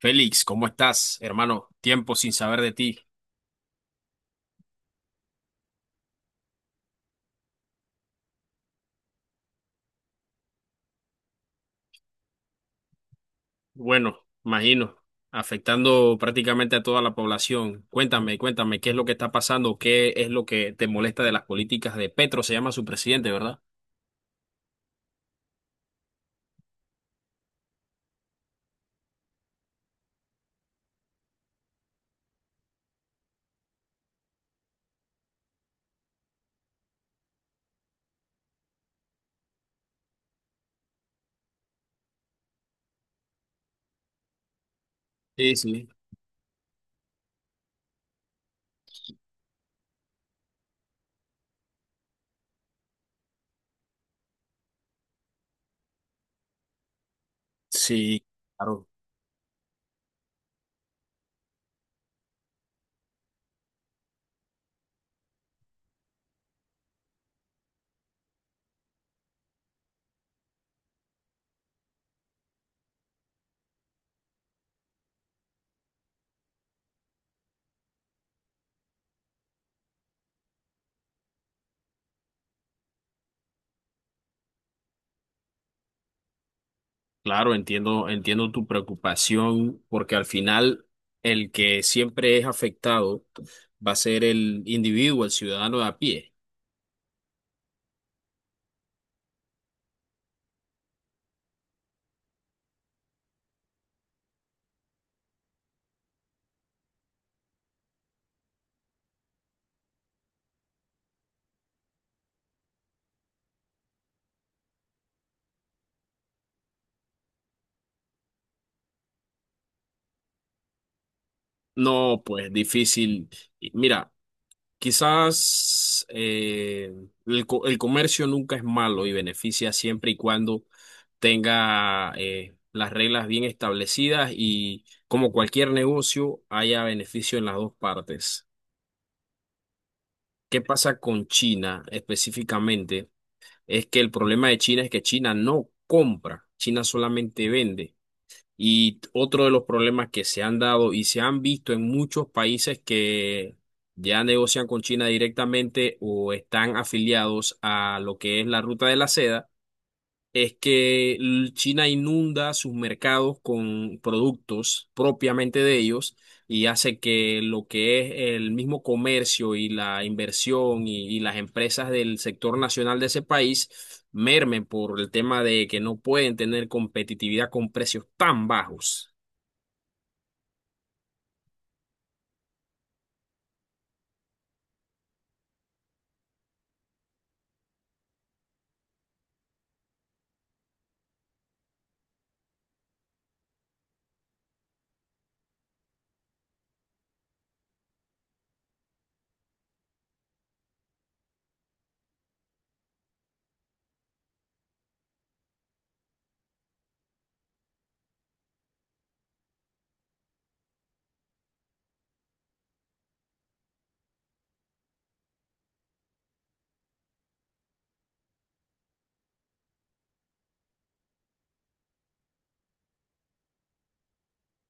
Félix, ¿cómo estás, hermano? Tiempo sin saber de ti. Bueno, imagino, afectando prácticamente a toda la población. Cuéntame, ¿qué es lo que está pasando? ¿Qué es lo que te molesta de las políticas de Petro? Se llama su presidente, ¿verdad? Sí, sí. Sí, claro, claro, entiendo tu preocupación, porque al final el que siempre es afectado va a ser el individuo, el ciudadano de a pie. No, pues difícil. Y mira. Quizás el comercio nunca es malo y beneficia siempre y cuando tenga las reglas bien establecidas y como cualquier negocio haya beneficio en las dos partes. ¿Qué pasa con China específicamente? Es que el problema de China es que China no compra, China solamente vende. Y otro de los problemas que se han dado y se han visto en muchos países que ya negocian con China directamente o están afiliados a lo que es la ruta de la seda es que China inunda sus mercados con productos propiamente de ellos y hace que lo que es el mismo comercio y la inversión y las empresas del sector nacional de ese país mermen por el tema de que no pueden tener competitividad con precios tan bajos.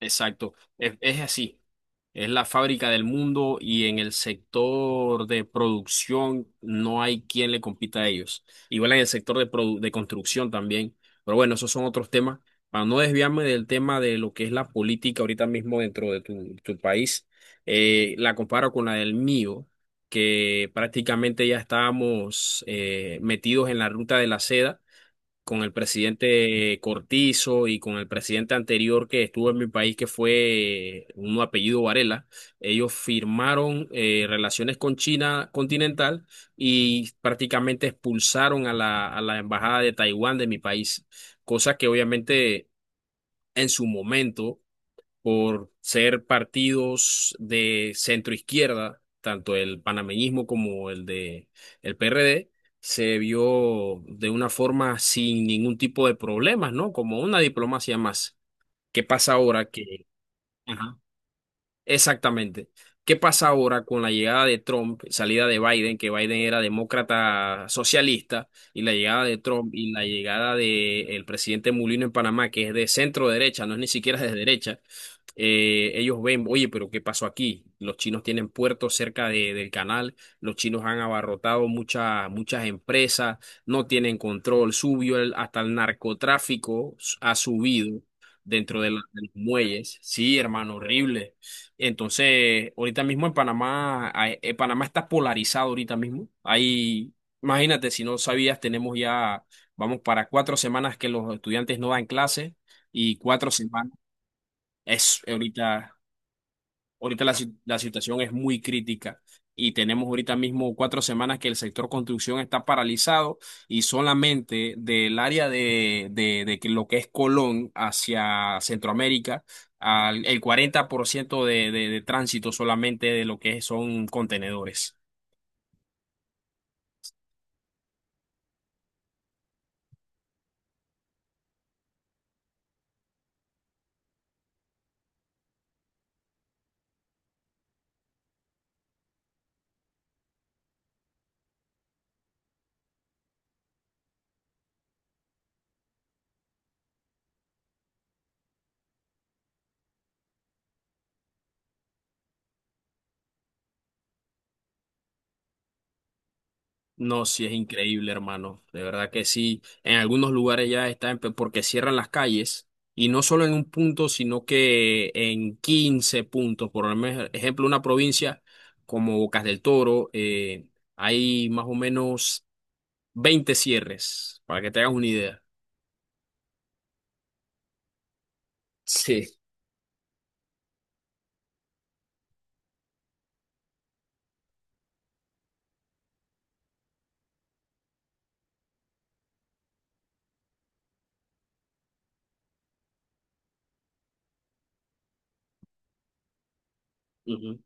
Exacto, es así. Es la fábrica del mundo y en el sector de producción no hay quien le compita a ellos. Igual en el sector de construcción también. Pero bueno, esos son otros temas. Para no desviarme del tema de lo que es la política ahorita mismo dentro de tu país, la comparo con la del mío, que prácticamente ya estábamos metidos en la ruta de la seda con el presidente Cortizo y con el presidente anterior que estuvo en mi país, que fue un apellido Varela. Ellos firmaron relaciones con China continental y prácticamente expulsaron a a la embajada de Taiwán de mi país, cosa que obviamente en su momento por ser partidos de centro izquierda, tanto el panameñismo como el PRD, se vio de una forma sin ningún tipo de problemas, ¿no? Como una diplomacia más. ¿Qué pasa ahora que, ajá, exactamente? ¿Qué pasa ahora con la llegada de Trump, salida de Biden, que Biden era demócrata socialista, y la llegada de Trump y la llegada del presidente Mulino en Panamá, que es de centro derecha, no es ni siquiera de derecha? Ellos ven, oye, pero ¿qué pasó aquí? Los chinos tienen puertos cerca del canal, los chinos han abarrotado muchas empresas, no tienen control, subió hasta el narcotráfico, ha subido dentro de los muelles. Sí, hermano, horrible. Entonces, ahorita mismo en Panamá, Panamá está polarizado ahorita mismo. Ahí, imagínate, si no sabías, tenemos ya, vamos para cuatro semanas que los estudiantes no dan clase y cuatro semanas. Es ahorita. Ahorita la, si- la situación es muy crítica y tenemos ahorita mismo cuatro semanas que el sector construcción está paralizado y solamente del área de que lo que es Colón hacia Centroamérica, el 40% de tránsito solamente de lo que son contenedores. No, sí es increíble, hermano. De verdad que sí. En algunos lugares ya está en porque cierran las calles y no solo en un punto, sino que en 15 puntos. Por ejemplo, una provincia como Bocas del Toro, hay más o menos 20 cierres, para que te hagas una idea. Sí. Ujú,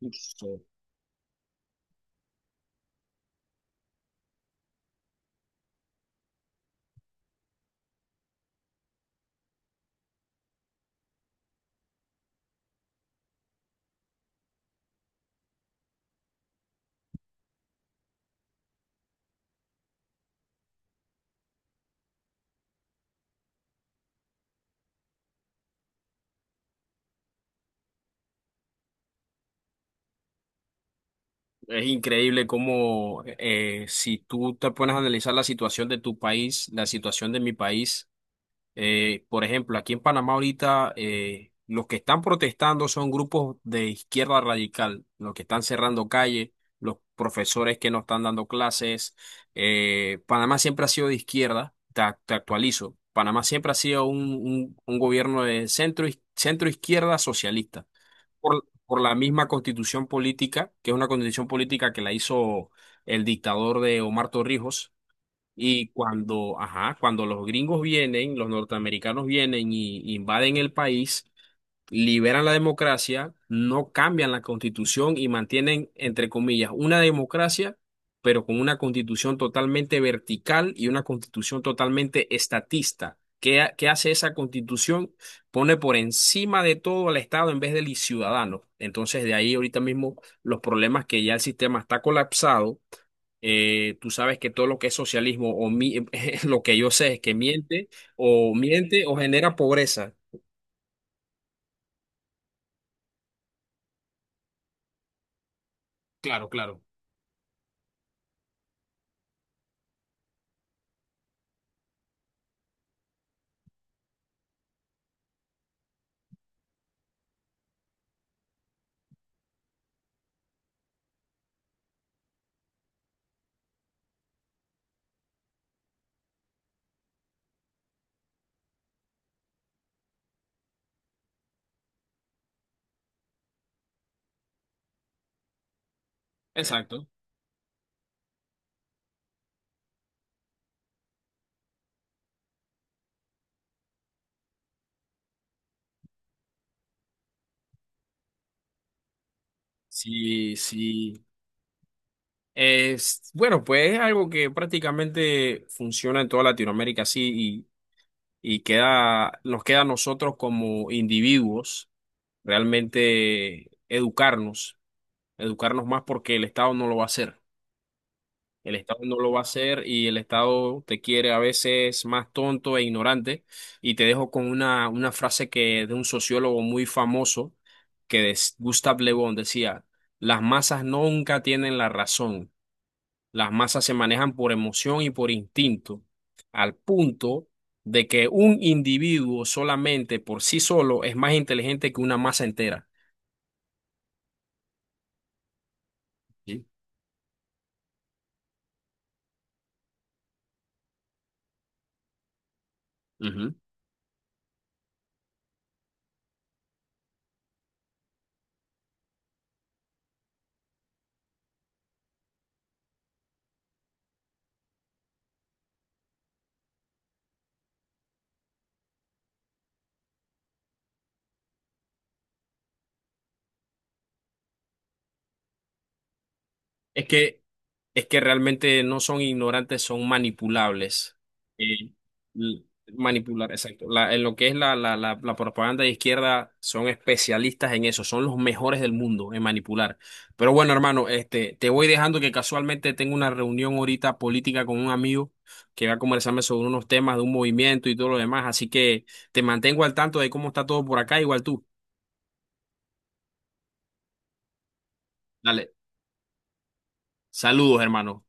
ujú. Sí. Es increíble cómo si tú te pones a analizar la situación de tu país, la situación de mi país. Por ejemplo, aquí en Panamá ahorita los que están protestando son grupos de izquierda radical, los que están cerrando calles, los profesores que no están dando clases. Panamá siempre ha sido de izquierda, te actualizo. Panamá siempre ha sido un gobierno de centro, centro izquierda socialista, por la misma constitución política, que es una constitución política que la hizo el dictador de Omar Torrijos y cuando, ajá, cuando los gringos vienen, los norteamericanos vienen y invaden el país, liberan la democracia, no cambian la constitución y mantienen, entre comillas, una democracia, pero con una constitución totalmente vertical y una constitución totalmente estatista. ¿Qué, qué hace esa constitución? Pone por encima de todo al Estado en vez del ciudadano. Entonces, de ahí ahorita mismo los problemas que ya el sistema está colapsado. Tú sabes que todo lo que es socialismo o lo que yo sé es que miente o miente o genera pobreza. Claro, claro. Exacto. Sí, sí. Es, bueno, pues es algo que prácticamente funciona en toda Latinoamérica, sí, y queda, nos queda a nosotros como individuos realmente educarnos más porque el Estado no lo va a hacer. El Estado no lo va a hacer y el Estado te quiere a veces más tonto e ignorante. Y te dejo con una frase que de un sociólogo muy famoso, que es Gustave Le Bon, decía, las masas nunca tienen la razón. Las masas se manejan por emoción y por instinto, al punto de que un individuo solamente por sí solo es más inteligente que una masa entera. Sí. Ujú. Es que, es que realmente no son ignorantes, son manipulables. Eh, l- manipular, exacto. En lo que es la propaganda de izquierda, son especialistas en eso, son los mejores del mundo en manipular. Pero bueno, hermano, este, te voy dejando que casualmente tengo una reunión ahorita política con un amigo que va a conversarme sobre unos temas de un movimiento y todo lo demás. Así que te mantengo al tanto de cómo está todo por acá, igual tú. Dale, saludos, hermano.